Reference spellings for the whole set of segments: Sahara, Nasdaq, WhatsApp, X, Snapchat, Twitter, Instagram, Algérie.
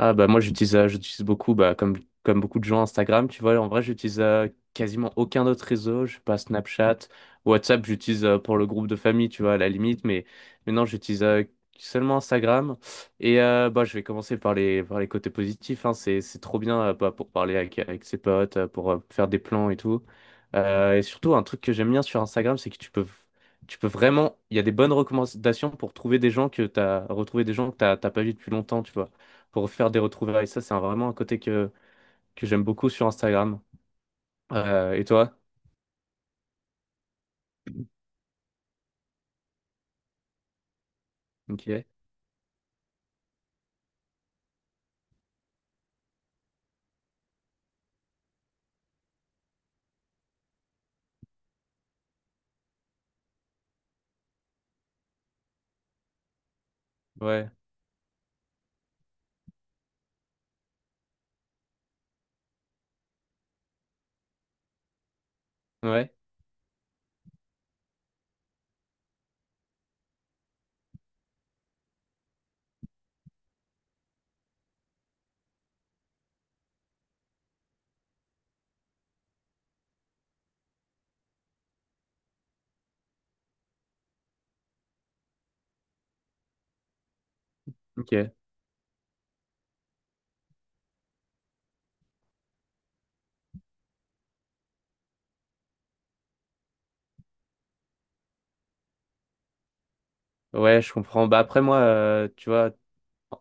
Ah bah moi j'utilise j'utilise beaucoup bah comme beaucoup de gens Instagram tu vois. En vrai j'utilise quasiment aucun autre réseau, je sais pas, Snapchat, WhatsApp j'utilise pour le groupe de famille tu vois, à la limite, mais mais non j'utilise seulement Instagram. Et bah je vais commencer par les côtés positifs hein. C'est trop bien bah, pour parler avec ses potes pour faire des plans et tout. Et surtout un truc que j'aime bien sur Instagram, c'est que tu peux vraiment, il y a des bonnes recommandations pour trouver des gens que t'as retrouver des gens que t'as pas vu depuis longtemps tu vois, pour faire des retrouvailles. Ça, c'est vraiment un côté que j'aime beaucoup sur Instagram. Et toi? Ok. Ouais. Ouais. Ok. Ouais, je comprends. Bah après moi, tu vois,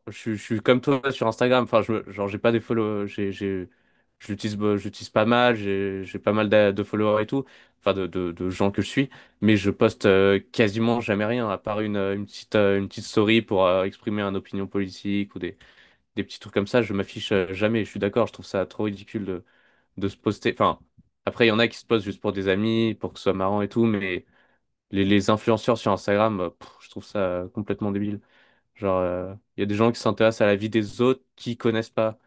je suis comme toi sur Instagram. Enfin, genre, j'ai pas des follow. Je l'utilise, bah, je l'utilise pas mal. J'ai pas mal de followers et tout. Enfin, de gens que je suis. Mais je poste quasiment jamais rien, à part une petite story pour exprimer une opinion politique ou des petits trucs comme ça. Je m'affiche jamais. Je suis d'accord. Je trouve ça trop ridicule de se poster. Enfin, après, il y en a qui se postent juste pour des amis, pour que ce soit marrant et tout, mais les influenceurs sur Instagram, pff, je trouve ça complètement débile. Genre, il y a des gens qui s'intéressent à la vie des autres qui connaissent pas.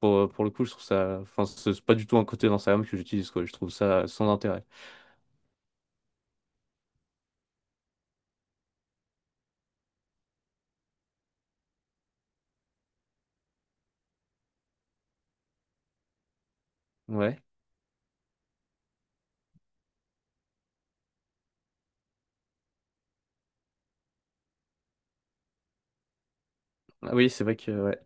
Pour le coup, je trouve ça. Enfin, c'est pas du tout un côté d'Instagram que j'utilise, quoi. Je trouve ça sans intérêt. Ouais. Ah oui, c'est vrai que. Ouais.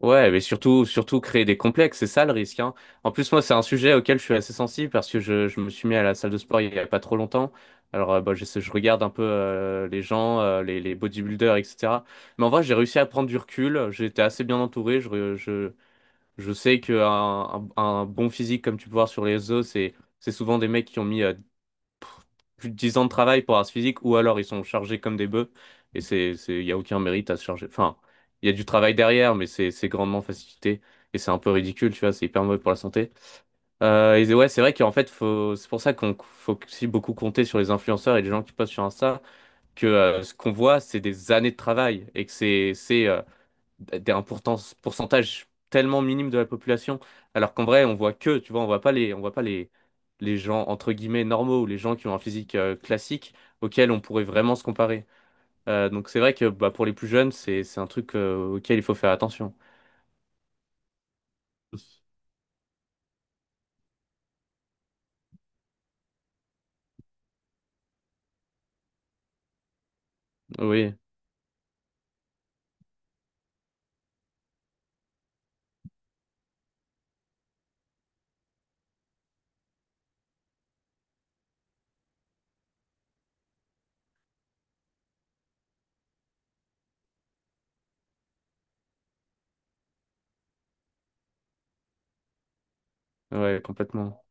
Ouais, mais surtout, surtout créer des complexes, c'est ça le risque, hein. En plus, moi, c'est un sujet auquel je suis assez sensible parce que je me suis mis à la salle de sport il y a pas trop longtemps. Alors, bah, je regarde un peu les gens, les bodybuilders, etc. Mais en vrai, j'ai réussi à prendre du recul. J'ai été assez bien entouré. Je sais qu'un un bon physique, comme tu peux voir sur les réseaux, c'est souvent des mecs qui ont mis plus de 10 ans de travail pour Ars Physique, ou alors ils sont chargés comme des bœufs, et il n'y a aucun mérite à se charger. Enfin, il y a du travail derrière, mais c'est grandement facilité, et c'est un peu ridicule, tu vois, c'est hyper mauvais pour la santé. Et ouais, c'est vrai qu'en fait, faut, c'est pour ça qu'on faut aussi beaucoup compter sur les influenceurs et les gens qui postent sur Insta, que ce qu'on voit, c'est des années de travail, et que c'est des pourcentage tellement minime de la population, alors qu'en vrai, on voit que, tu vois, on voit pas les gens entre guillemets normaux ou les gens qui ont un physique classique auxquels on pourrait vraiment se comparer. Donc c'est vrai que bah, pour les plus jeunes, c'est un truc auquel il faut faire attention. Oui, ouais, complètement.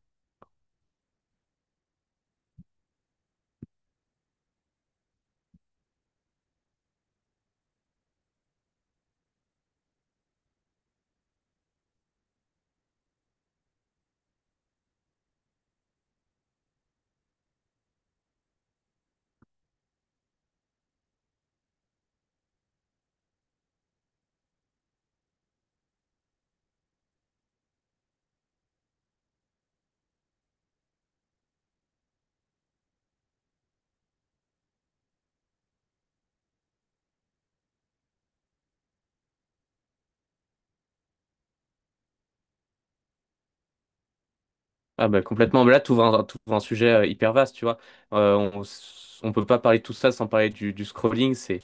Ah bah complètement, mais là, t'ouvres un sujet hyper vaste, tu vois. On peut pas parler de tout ça sans parler du scrolling, c'est,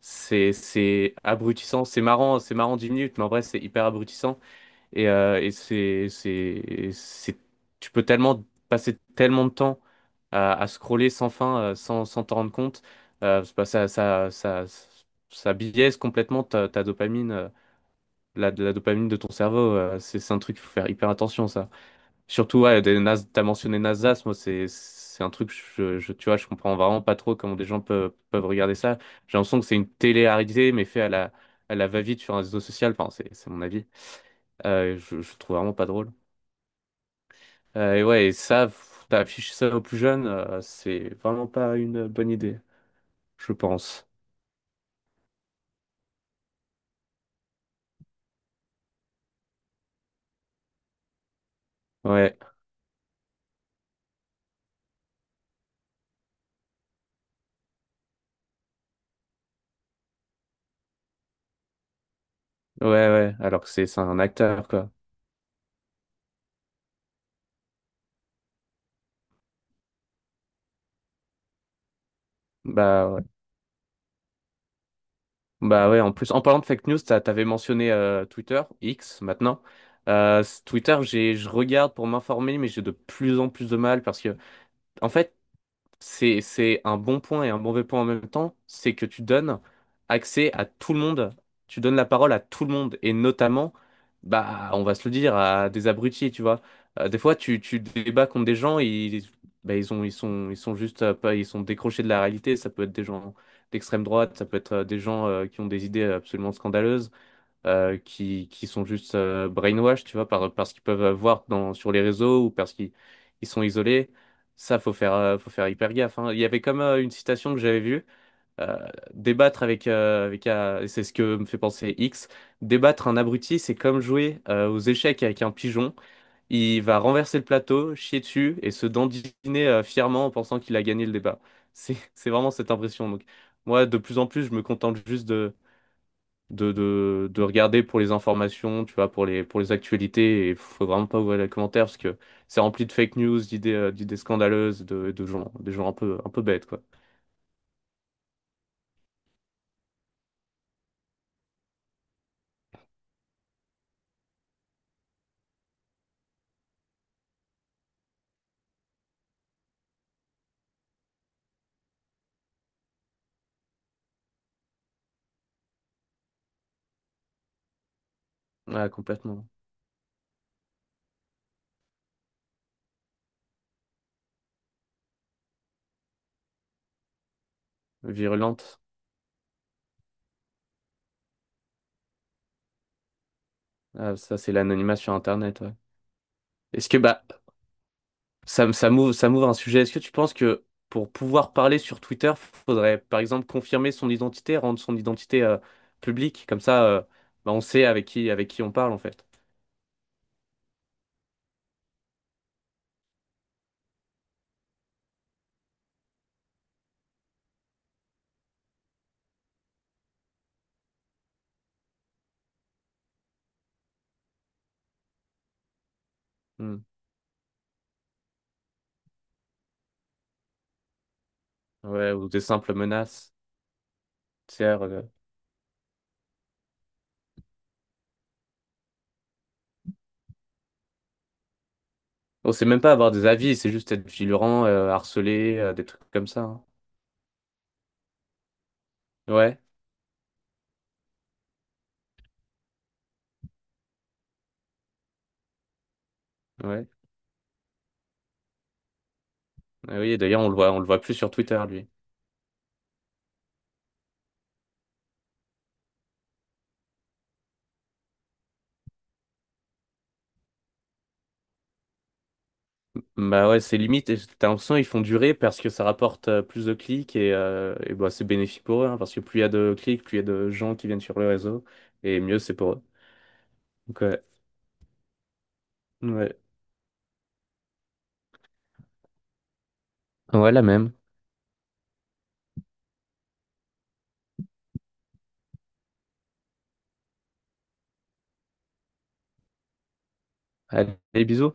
c'est, c'est abrutissant, c'est marrant 10 minutes, mais en vrai, c'est hyper abrutissant. Et, tu peux tellement passer tellement de temps à scroller sans fin, sans t'en rendre compte. C'est pas- ça biaise complètement ta dopamine, la dopamine de ton cerveau. C'est un truc, faut faire hyper attention, ça. Surtout, ouais, t'as mentionné Nasdaq, moi, c'est un truc, tu vois, je comprends vraiment pas trop comment des gens peuvent regarder ça. J'ai l'impression que c'est une télé-réalité, mais fait à la va-vite sur un réseau social. Enfin, c'est mon avis. Je trouve vraiment pas drôle. Et ouais, et ça, pff, d'afficher ça aux plus jeunes, c'est vraiment pas une bonne idée, je pense. Ouais, ouais, alors que c'est un acteur, quoi. Bah ouais. Bah ouais, en plus, en parlant de fake news, t'avais mentionné Twitter, X maintenant. Twitter, je regarde pour m'informer, mais j'ai de plus en plus de mal parce que, en fait, c'est un bon point et un mauvais point en même temps, c'est que tu donnes accès à tout le monde, tu donnes la parole à tout le monde, et notamment, bah, on va se le dire, à des abrutis, tu vois. Des fois, tu débats contre des gens, bah, ils sont juste, pas, ils sont décrochés de la réalité, ça peut être des gens d'extrême droite, ça peut être des gens qui ont des idées absolument scandaleuses, qui sont juste brainwash, tu vois, parce qu'ils peuvent voir dans, sur les réseaux ou parce qu'ils ils sont isolés. Ça, faut faire hyper gaffe, hein. Il y avait comme une citation que j'avais vue, euh, débattre avec, avec un- et c'est ce que me fait penser X, débattre un abruti, c'est comme jouer aux échecs avec un pigeon. Il va renverser le plateau, chier dessus et se dandiner fièrement en pensant qu'il a gagné le débat. C'est, c'est vraiment cette impression. Donc, moi, de plus en plus, je me contente juste de regarder pour les informations, tu vois, pour pour les actualités. Et faut vraiment pas ouvrir les commentaires parce que c'est rempli de fake news, d'idées scandaleuses, des gens un peu bêtes, quoi. Ouais, complètement. Virulente. Ah, ça, c'est l'anonymat sur Internet, ouais. Est-ce que, bah, ça m'ouvre un sujet. Est-ce que tu penses que pour pouvoir parler sur Twitter, faudrait, par exemple, confirmer son identité, rendre son identité, publique? Comme ça, bah, on sait avec qui on parle, en fait. Hmm. Ouais, ou des simples menaces. On sait même pas avoir des avis, c'est juste être vigilant, harcelé, des trucs comme ça, hein. Ouais, ouais. Ah oui, d'ailleurs, on le voit plus sur Twitter, lui. Bah ouais, c'est limite, et t'as l'impression qu'ils font durer parce que ça rapporte plus de clics et bah, c'est bénéfique pour eux, hein, parce que plus il y a de clics, plus il y a de gens qui viennent sur le réseau, et mieux c'est pour eux. Donc ouais, ouais. Ouais, la même. Allez, bisous.